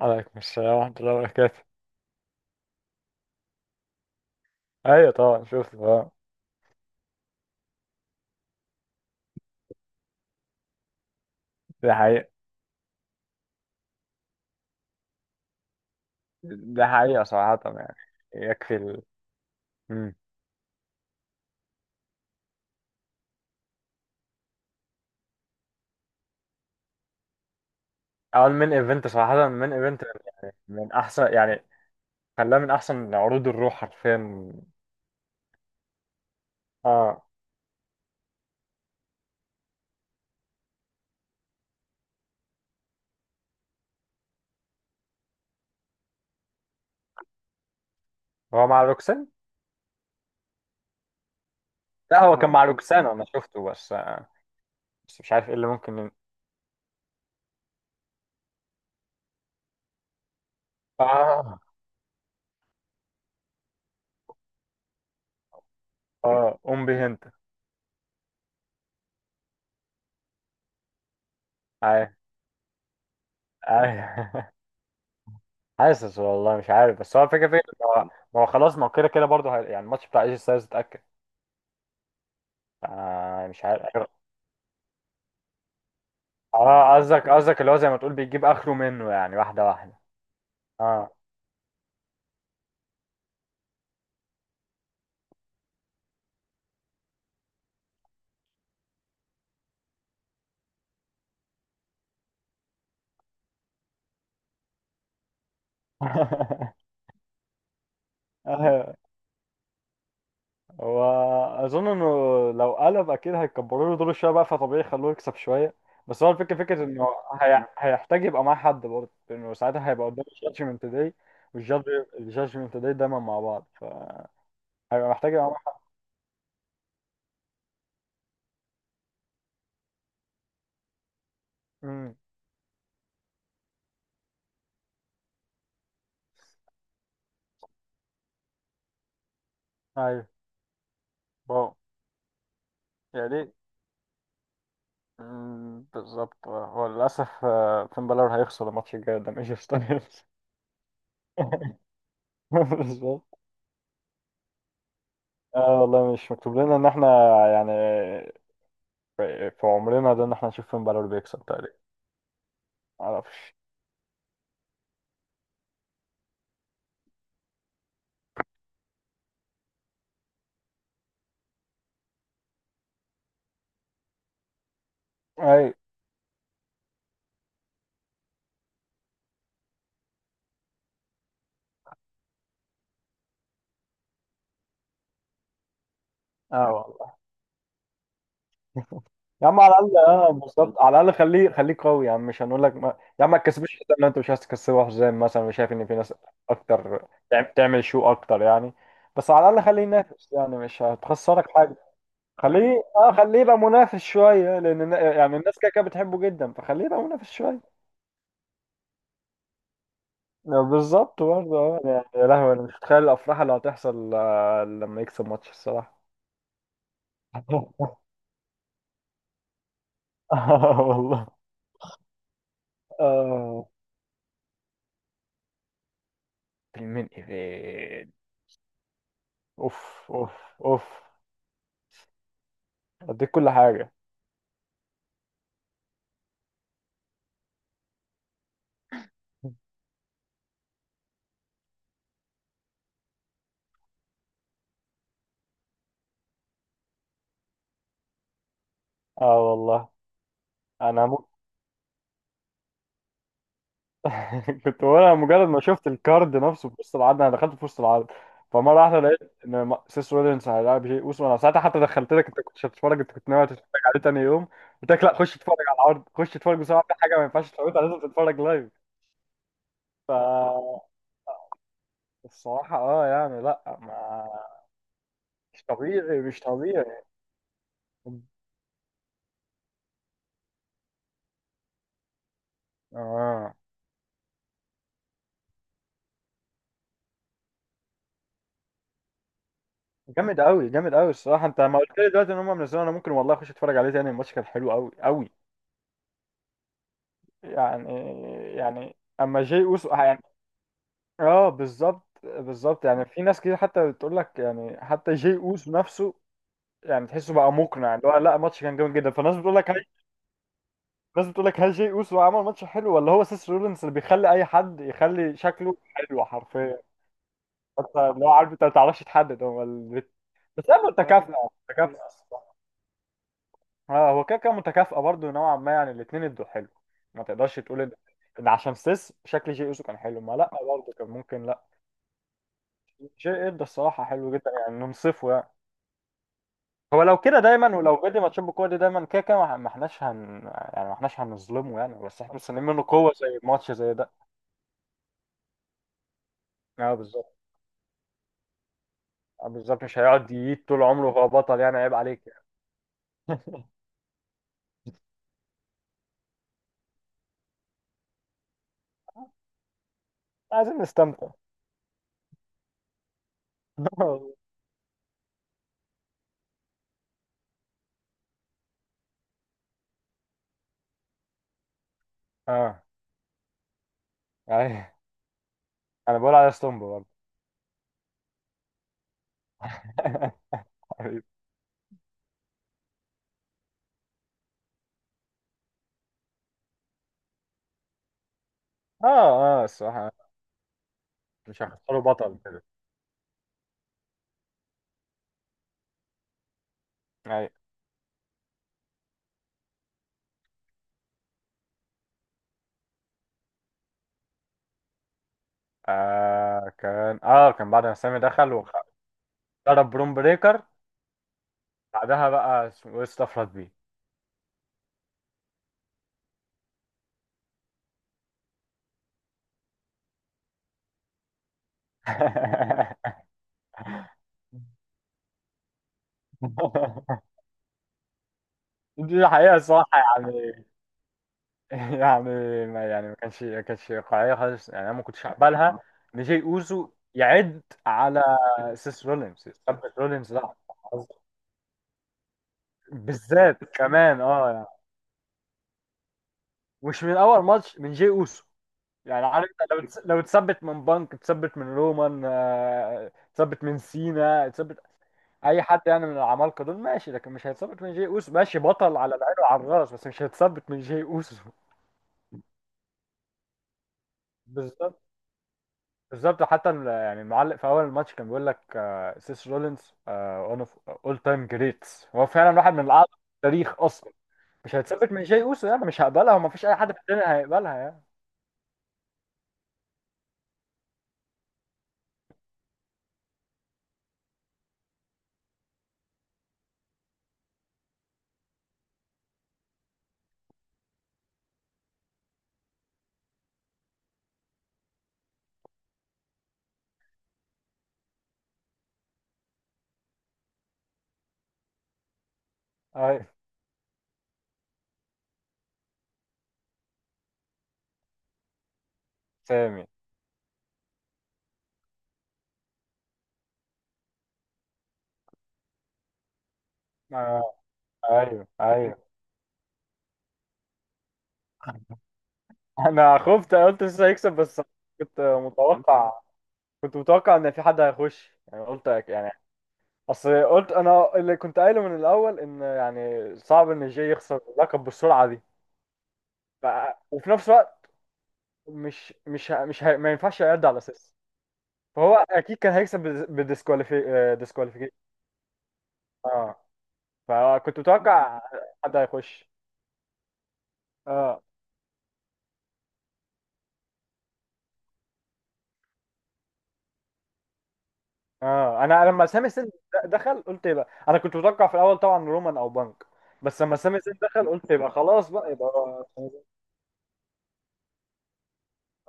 عليكم السلام ورحمة الله وبركاته. أيوة طبعا شفت طبعا. ده حقيقة. ده حقيقة صراحة يعني. يكفي ال مم. أول من إيفنت صراحة، من إيفنت من أحسن يعني. خلاه من أحسن عروض الروح حرفيا. آه، هو مع روكسان؟ لا، هو كان مع روكسان، أنا شفته بس آه. بس مش عارف إيه اللي ممكن ين- آه. آه، قوم به أنت. عارف، عارف حاسس والله مش عارف، بس هو الفكرة فين، ما هو خلاص، ما هو كده كده برضه هي- يعني الماتش بتاع إيجي ستايلز اتأكد. آه، مش عارف. اه، قصدك، قصدك اللي هو زي ما تقول بيجيب اخره منه، يعني واحده واحده. اه. آه، هو اظن انه لو قلب اكيد هيكبروا له دور شويه بقى، فطبيعي يخلوه يكسب شويه. بس هو الفكره، فكره انه هي... هيحتاج يبقى معاه حد برضه، لانه ساعتها هيبقى قدام الجادجمنت داي. والجادج، الجادجمنت داي دايما مع بعض، فهيبقى محتاج يبقى معاه حد. امم. ايوه. واو. يا ريت. أمم، بالظبط. هو للاسف فين بالور هيخسر الماتش الجاي قدام ايجي ستايلز. بالظبط. اه والله، مش مكتوب لنا ان احنا، يعني في في عمرنا ده ان احنا نشوف فين بلد اللي بيكسب تقريبا. معرفش. اي. اه والله. يا عم على الاقل بالظبط، على الاقل خليه، خليه قوي يعني. مش هنقول لك ما... يا عم ما تكسبش، حتى لو انت مش عايز تكسبه حزام مثلا، مش شايف ان في ناس اكتر تعم- تعمل شو اكتر يعني. بس على الاقل خليه ينافس، يعني مش هتخسرك حاجه. خليه خليه يبقى منافس شويه، لان النا- يعني الناس كده كده بتحبه جدا، فخليه يبقى منافس شويه. بالظبط برضه اه، يعني يا لهوي انا مش متخيل الافراح اللي هتحصل لما يكسب ماتش الصراحه. آه والله. آه. المين ايفين. اوف. اوف. اوف. اديك كل حاجه. اه والله. انا م... كنت وانا مجرد ما شفت الكارد نفسه في وسط العرض، انا دخلت في وسط العرض. فمره واحده لقيت ان م- سيس رولينز هيلاعب جي اوسو. انا ساعتها حتى دخلت لك انت، كنت هتتفرج انت، كنت ناوي تتفرج عليه تاني يوم، قلت لك لا، خش اتفرج على العرض، خش اتفرج بسرعه، في حاجه ما ينفعش تفوتها، لازم تتفرج لايف. فالصراحة اه يعني، لا ما. مش طبيعي، مش طبيعي. اه جامد قوي، جامد قوي الصراحة. انت ما قلت لي دلوقتي ان هم منزلين، انا ممكن والله اخش اتفرج عليه تاني. الماتش كان حلو قوي قوي. يعني. يعني اما جي اوسو يعني، اه بالظبط بالظبط. يعني في ناس كتير حتى بتقول لك يعني، حتى جي اوسو نفسه يعني تحسه بقى مقنع، اللي هو لا، الماتش كان جامد جدا، فالناس بتقول لك هل... الناس بتقول لك هل جي اوسو عمل ماتش حلو، ولا هو سيس رولينز اللي بيخلي اي حد يخلي شكله حلو حرفيا. انت اللي هو عارف، انت ما بتعرفش تحدد، هو ال... بس هي متكافئه، متكافئه. اه، هو كده كده متكافئه برضه نوعا ما يعني، الاثنين ادوا حلو. ما تقدرش تقول ان ان عشان سيس شكل جي اوسو كان حلو، ما لا، برضه كان ممكن لا. جي ادى الصراحه حلو جدا يعني، ننصفه يعني. هو لو كده دايما، ولو جدي ماتشات بالقوه دي دايما، كده كده ما ما احناش هن، يعني ما احناش هنظلمه يعني، بس احنا مستنيين منه قوه زي ماتش زي ده. اه بالظبط. اه بالظبط، مش هيقعد ييت طول عمره وهو بطل يعني، عيب عليك. يعني. عايزين نستمتع. اه. أيوة. انا بقول على ستومبو برضه. حبيبي. اه. اه الصراحه. مش هختاره بطل كده. اي. آه، كان كان بعد ما سامي دخل وخ- ضرب بروم بريكر. بعدها بقى اسمه ايه استفرد بيه. دي الحقيقه الصراحه يعني. يعني ما، يعني ما كانش، ما كانش واقعيه خالص يعني، انا ما كنتش هقبلها ان جاي اوزو يعد على سيس رولينز، ساب رولينز ده، بالذات كمان اه. مش من اول ماتش، من جي اوسو. يعني عارف انت، لو تس- لو تثبت من بانك، تثبت من رومان تثبت من سينا، تثبت اي حد يعني من العمالقه دول ماشي، لكن مش هيتثبت من جي اوسو. ماشي، بطل على العين وعلى الراس، بس مش هيتثبت من جي اوسو. بالظبط، بالظبط حتى ال- يعني المعلق في اول الماتش كان بيقول لك سيس رولينز وان اوف اول تايم جريتس، هو فعلا واحد من الاعظم في التاريخ اصلا. مش هيتثبت من جي اوسو يعني، مش هقبلها، ومفيش اي حد في الدنيا هيقبلها يعني. أي-. سامي. آه، ايوه ايوه. انا خفت، أنا قلت لسه هيكسب، بس كنت متوقع، كنت متوقع ان في حد هيخش يعني. قلت أك- يعني اصل قلت انا، اللي كنت قايله من الاول، ان يعني صعب ان جاي يخسر اللقب بالسرعه دي. ف... وفي نفس الوقت مش ه... ما ينفعش يرد على اساس. فهو اكيد كان هيكسب بالديسكواليفي، ديسكواليفيكيشن. اه فكنت متوقع حد هيخش. اه اه، انا لما سامي سن د- دخل، قلت يبقى، انا كنت متوقع في الاول طبعا رومان او بنك، بس لما سامي سن دخل قلت يبقى خلاص بقى، يبقى اه.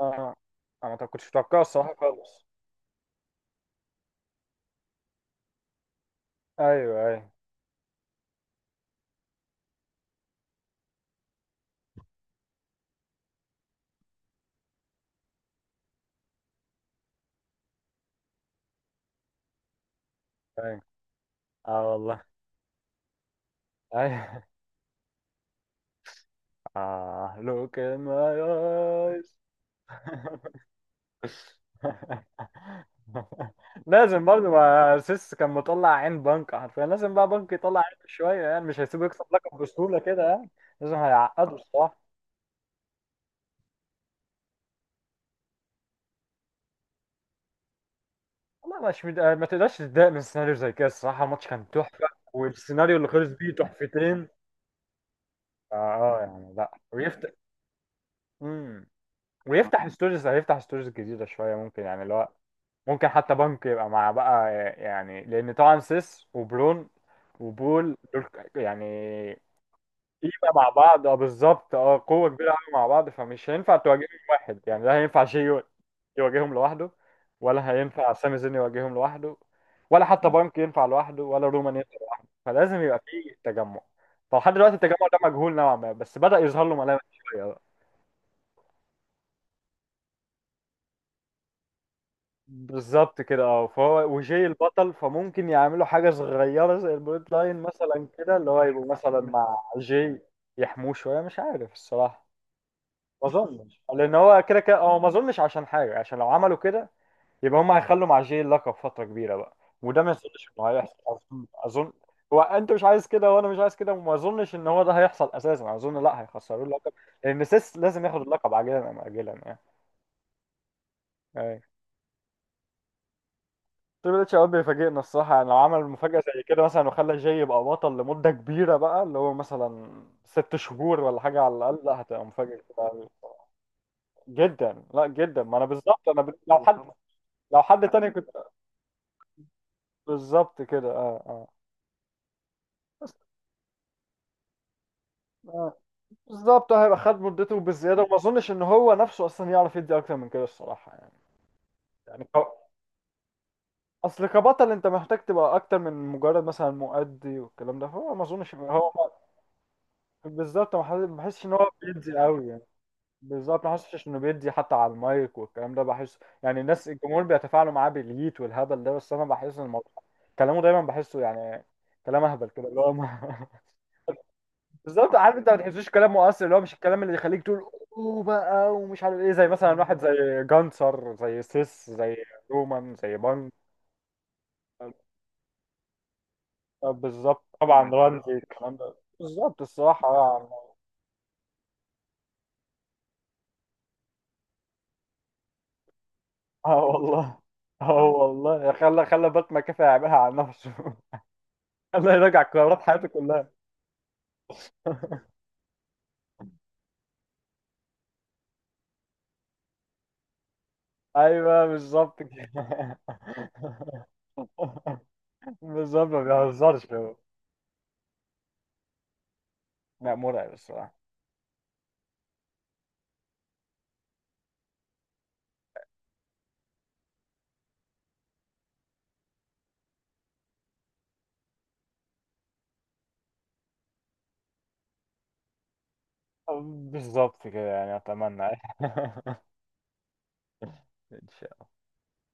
آه، انا ما كنتش متوقعه الصراحه خالص. ايوه ايوه. ايوه. اه والله. ايوه. اه look in my eyes. لازم برضه، ما سيس كان مطلع عين بنك حرفيا، لازم بقى بنك يطلع عين شويه يعني، مش هيسيبه يكسب لقب بسهوله كده يعني. لازم هيعقده الصراحه. والله مش مد... ما تقدرش تتضايق من سيناريو زي كده الصراحه. الماتش كان تحفه، والسيناريو اللي خلص بيه تحفتين. اه يعني لا، ويفتح. امم. ويفتح ستوريز، هيفتح ستوريز جديده شويه ممكن يعني، اللي هو ممكن حتى بنك يبقى مع بقى، يعني لان طبعا سيس وبرون وبول دول، يعني قيمة مع بعض. اه بالظبط، اه قوة كبيرة قوي مع بعض، فمش هينفع تواجههم واحد يعني، لا هينفع شيء يواجههم لوحده، ولا هينفع سامي زين يواجههم لوحده، ولا حتى بانك ينفع لوحده، ولا رومان ينفع لوحده، فلازم يبقى فيه تجمع. فلحد دلوقتي التجمع ده مجهول نوعا ما، بس بدأ يظهر له ملامح شوية بقى. بالظبط كده اه. فهو وجي البطل، فممكن يعملوا حاجة صغيرة زي البوليت لاين مثلا كده، اللي هو يبقوا مثلا مع جي، يحموه شوية، مش عارف الصراحة. ما اظنش، لان هو كده كده هو، ما اظنش عشان حاجه، عشان لو عملوا كده يبقى هم هيخلوا مع جي اللقب فتره كبيره بقى، وده ما اظنش انه هيحصل، اظن. أظن-. هو انت مش عايز كده، وانا مش عايز كده، وما اظنش ان هو ده هيحصل اساسا، اظن لا هيخسروه اللقب، لان سيس لازم ياخد اللقب عاجلا ام اجلا يعني. أي. تريبل اتش اوقات بيفاجئنا الصراحه يعني، لو عمل مفاجاه زي كده مثلا وخلى جي يبقى بطل لمده كبيره بقى، اللي هو مثلا ست شهور ولا حاجه على الاقل، لا هتبقى مفاجاه كده أوي. جدا، لا جدا، ما انا بالظبط، انا ب... لو حد، لو حد تاني كنت. بالظبط كده اه. آه. بالظبط هيبقى خد مدته بالزياده، وما اظنش ان هو نفسه اصلا يعرف يدي اكتر من كده الصراحه يعني. يعني ك-. اصل كبطل انت محتاج تبقى اكتر من مجرد مثلا مؤدي والكلام ده، فهو ما اظنش إن هو. بالظبط، ما حس- ما بحسش ان هو بيدي قوي يعني. بالظبط، ما حسش انه بيدي حتى على المايك والكلام ده، بحس يعني الناس، الجمهور بيتفاعلوا معاه بالييت والهبل ده، بس انا بحس ان الموضوع كلامه دايما بحسه يعني كلام اهبل كده اللي هو. بالظبط، عارف انت ما تحسوش كلام مؤثر، اللي هو مش الكلام اللي يخليك تقول اوه بقى، ومش عارف ايه، زي مثلا واحد زي جانسر، زي سيس، زي رومان، زي بانج بالظبط طبعا، رمزي الكلام ده، بالظبط الصراحة اه. يا عم. آه والله. اه والله، خلى بات مكافي يعملها على نفسه. خلى يراجع قرارات حياته كلها. ايوه بالظبط كده. بالظبط ما بيهزرش هو. لا مرعب الصراحة. بالظبط كده يعني، اتمنى. ان